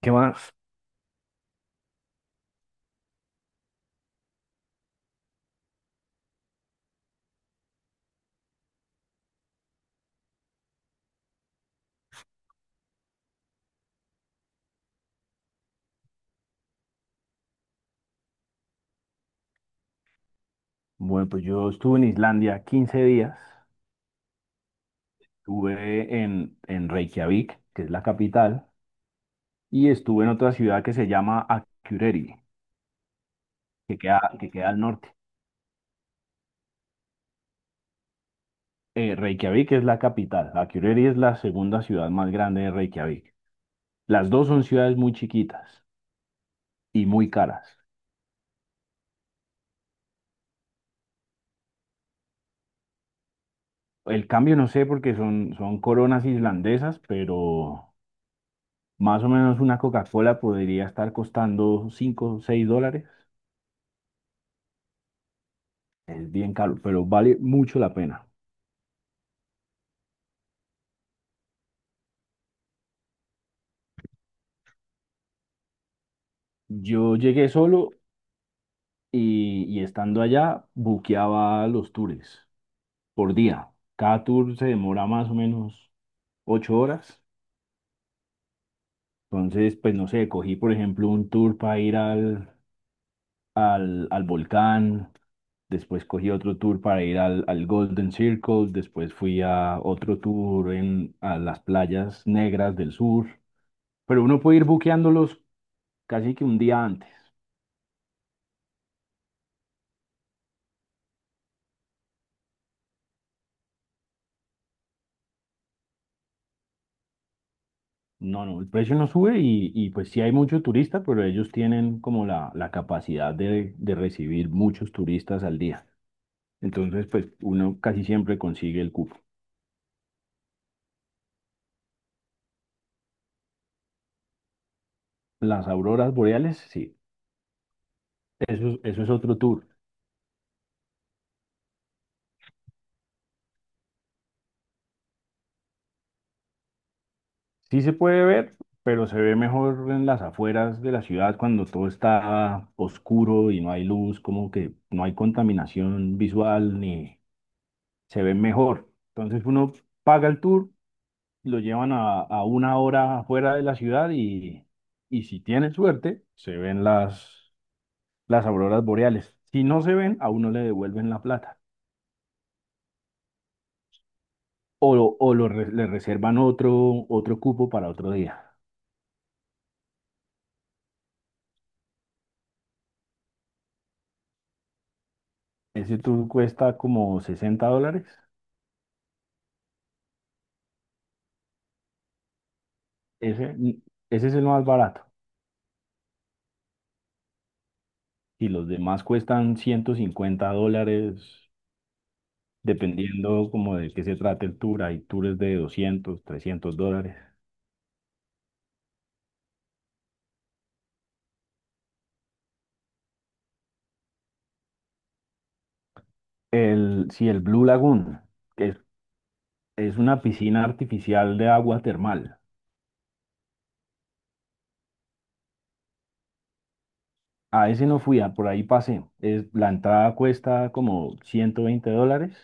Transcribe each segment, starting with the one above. ¿Qué más? Bueno, pues yo estuve en Islandia 15 días, estuve en Reykjavik, que es la capital, y estuve en otra ciudad que se llama Akureyri, que queda al norte. Reykjavik es la capital. Akureyri es la segunda ciudad más grande de Reykjavik. Las dos son ciudades muy chiquitas y muy caras. El cambio no sé porque son coronas islandesas, pero más o menos una Coca-Cola podría estar costando cinco o 6 dólares. Es bien caro, pero vale mucho la pena. Yo llegué solo y estando allá buqueaba los tours por día. Cada tour se demora más o menos 8 horas. Entonces, pues no sé, cogí por ejemplo un tour para ir al volcán, después cogí otro tour para ir al Golden Circle, después fui a otro tour a las playas negras del sur. Pero uno puede ir buqueándolos casi que un día antes. No, no, el precio no sube y pues sí hay mucho turista, pero ellos tienen como la capacidad de recibir muchos turistas al día. Entonces, pues uno casi siempre consigue el cupo. Las auroras boreales, sí, eso, eso es otro tour. Sí se puede ver, pero se ve mejor en las afueras de la ciudad cuando todo está oscuro y no hay luz, como que no hay contaminación visual ni se ve mejor. Entonces uno paga el tour, lo llevan a una hora afuera de la ciudad, y si tienen suerte, se ven las auroras boreales. Si no se ven, a uno le devuelven la plata o le reservan otro cupo para otro día. Ese tour cuesta como $60. Ese, ese es el más barato. Y los demás cuestan $150, dependiendo como de qué se trate el tour. Hay tours de $200 $300. El, si el Blue Lagoon, que es una piscina artificial de agua termal. A ese no fui, a por ahí pasé. La entrada cuesta como $120,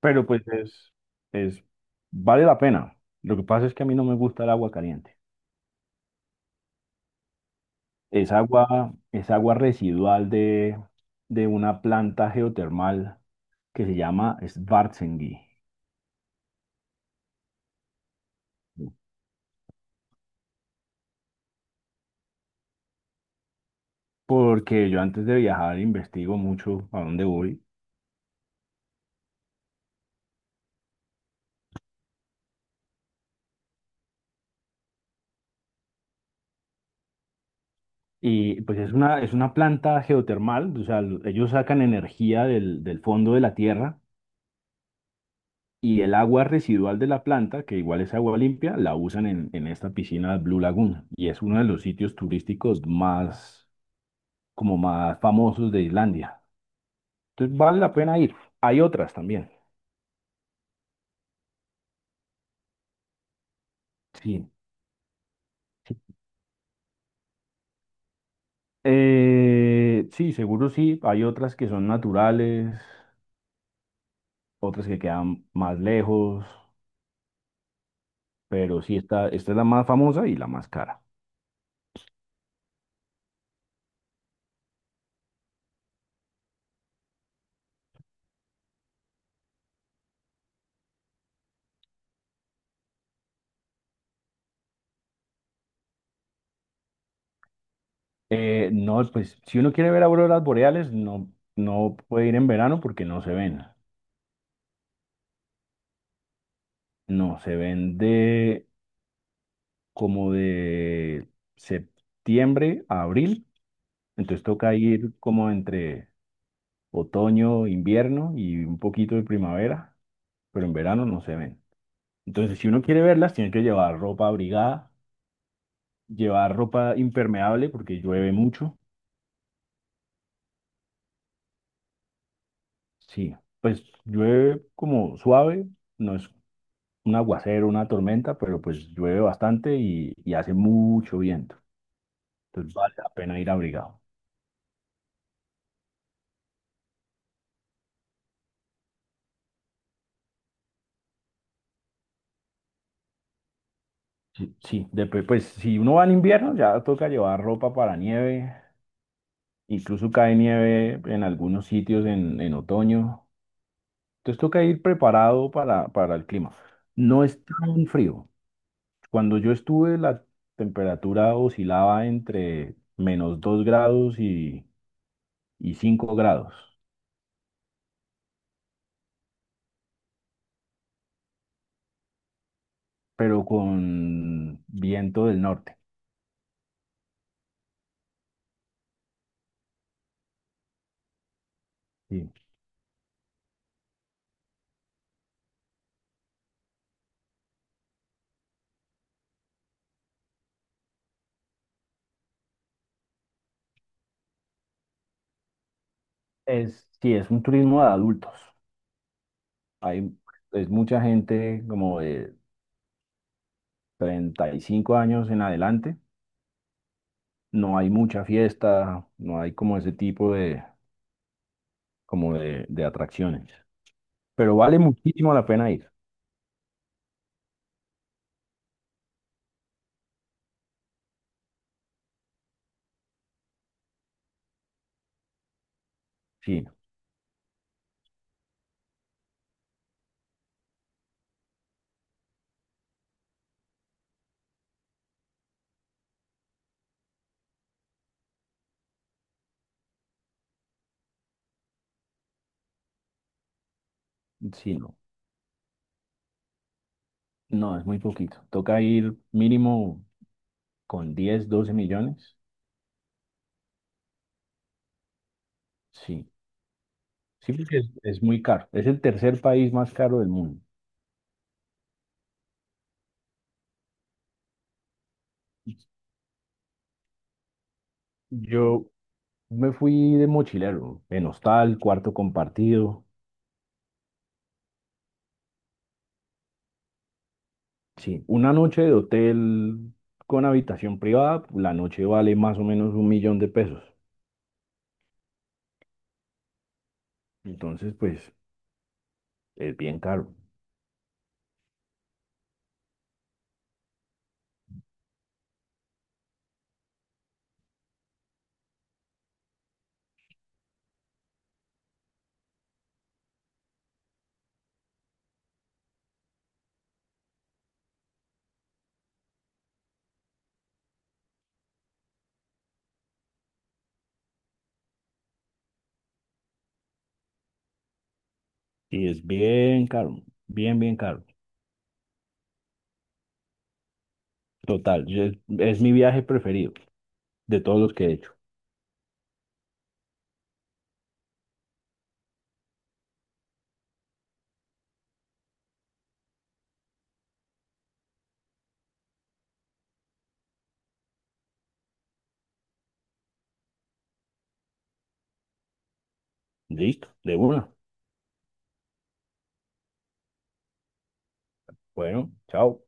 pero pues es, vale la pena. Lo que pasa es que a mí no me gusta el agua caliente. Es agua residual de una planta geotermal que se llama Schwarzenegger. Porque yo antes de viajar investigo mucho a dónde voy. Y pues es una planta geotermal, o sea, ellos sacan energía del fondo de la tierra y el agua residual de la planta, que igual es agua limpia, la usan en esta piscina Blue Lagoon. Y es uno de los sitios turísticos más, como más famosos de Islandia. Entonces vale la pena ir. Hay otras también. Sí. Sí, seguro sí. Hay otras que son naturales, otras que quedan más lejos, pero sí, esta es la más famosa y la más cara. No, pues si uno quiere ver auroras boreales, no puede ir en verano porque no se ven. No, se ven de como de septiembre a abril. Entonces toca ir como entre otoño, invierno y un poquito de primavera, pero en verano no se ven. Entonces, si uno quiere verlas, tiene que llevar ropa abrigada, llevar ropa impermeable porque llueve mucho. Sí, pues llueve como suave, no es un aguacero, una tormenta, pero pues llueve bastante y hace mucho viento. Entonces vale la pena ir abrigado. Sí, sí, después, pues si uno va en invierno ya toca llevar ropa para nieve, incluso cae nieve en algunos sitios en otoño. Entonces toca ir preparado para el clima. No es tan frío. Cuando yo estuve la temperatura oscilaba entre -2 grados y 5 grados, pero con viento del norte. Sí. Sí, es un turismo de adultos. Hay, es mucha gente como de 35 años en adelante. No hay mucha fiesta, no hay como ese tipo de, como de atracciones. Pero vale muchísimo la pena ir. Sí, sí, no. No, es muy poquito. Toca ir mínimo con 10 12 millones. Sí, sí, porque es muy caro. Es el tercer país más caro del mundo. Yo me fui de mochilero, en hostal, cuarto compartido. Sí, una noche de hotel con habitación privada, la noche vale más o menos un millón de pesos. Entonces, pues es bien caro. Y es bien caro, bien, bien caro. Total, es, mi viaje preferido de todos los que he hecho. Listo, de una. Bueno, chao.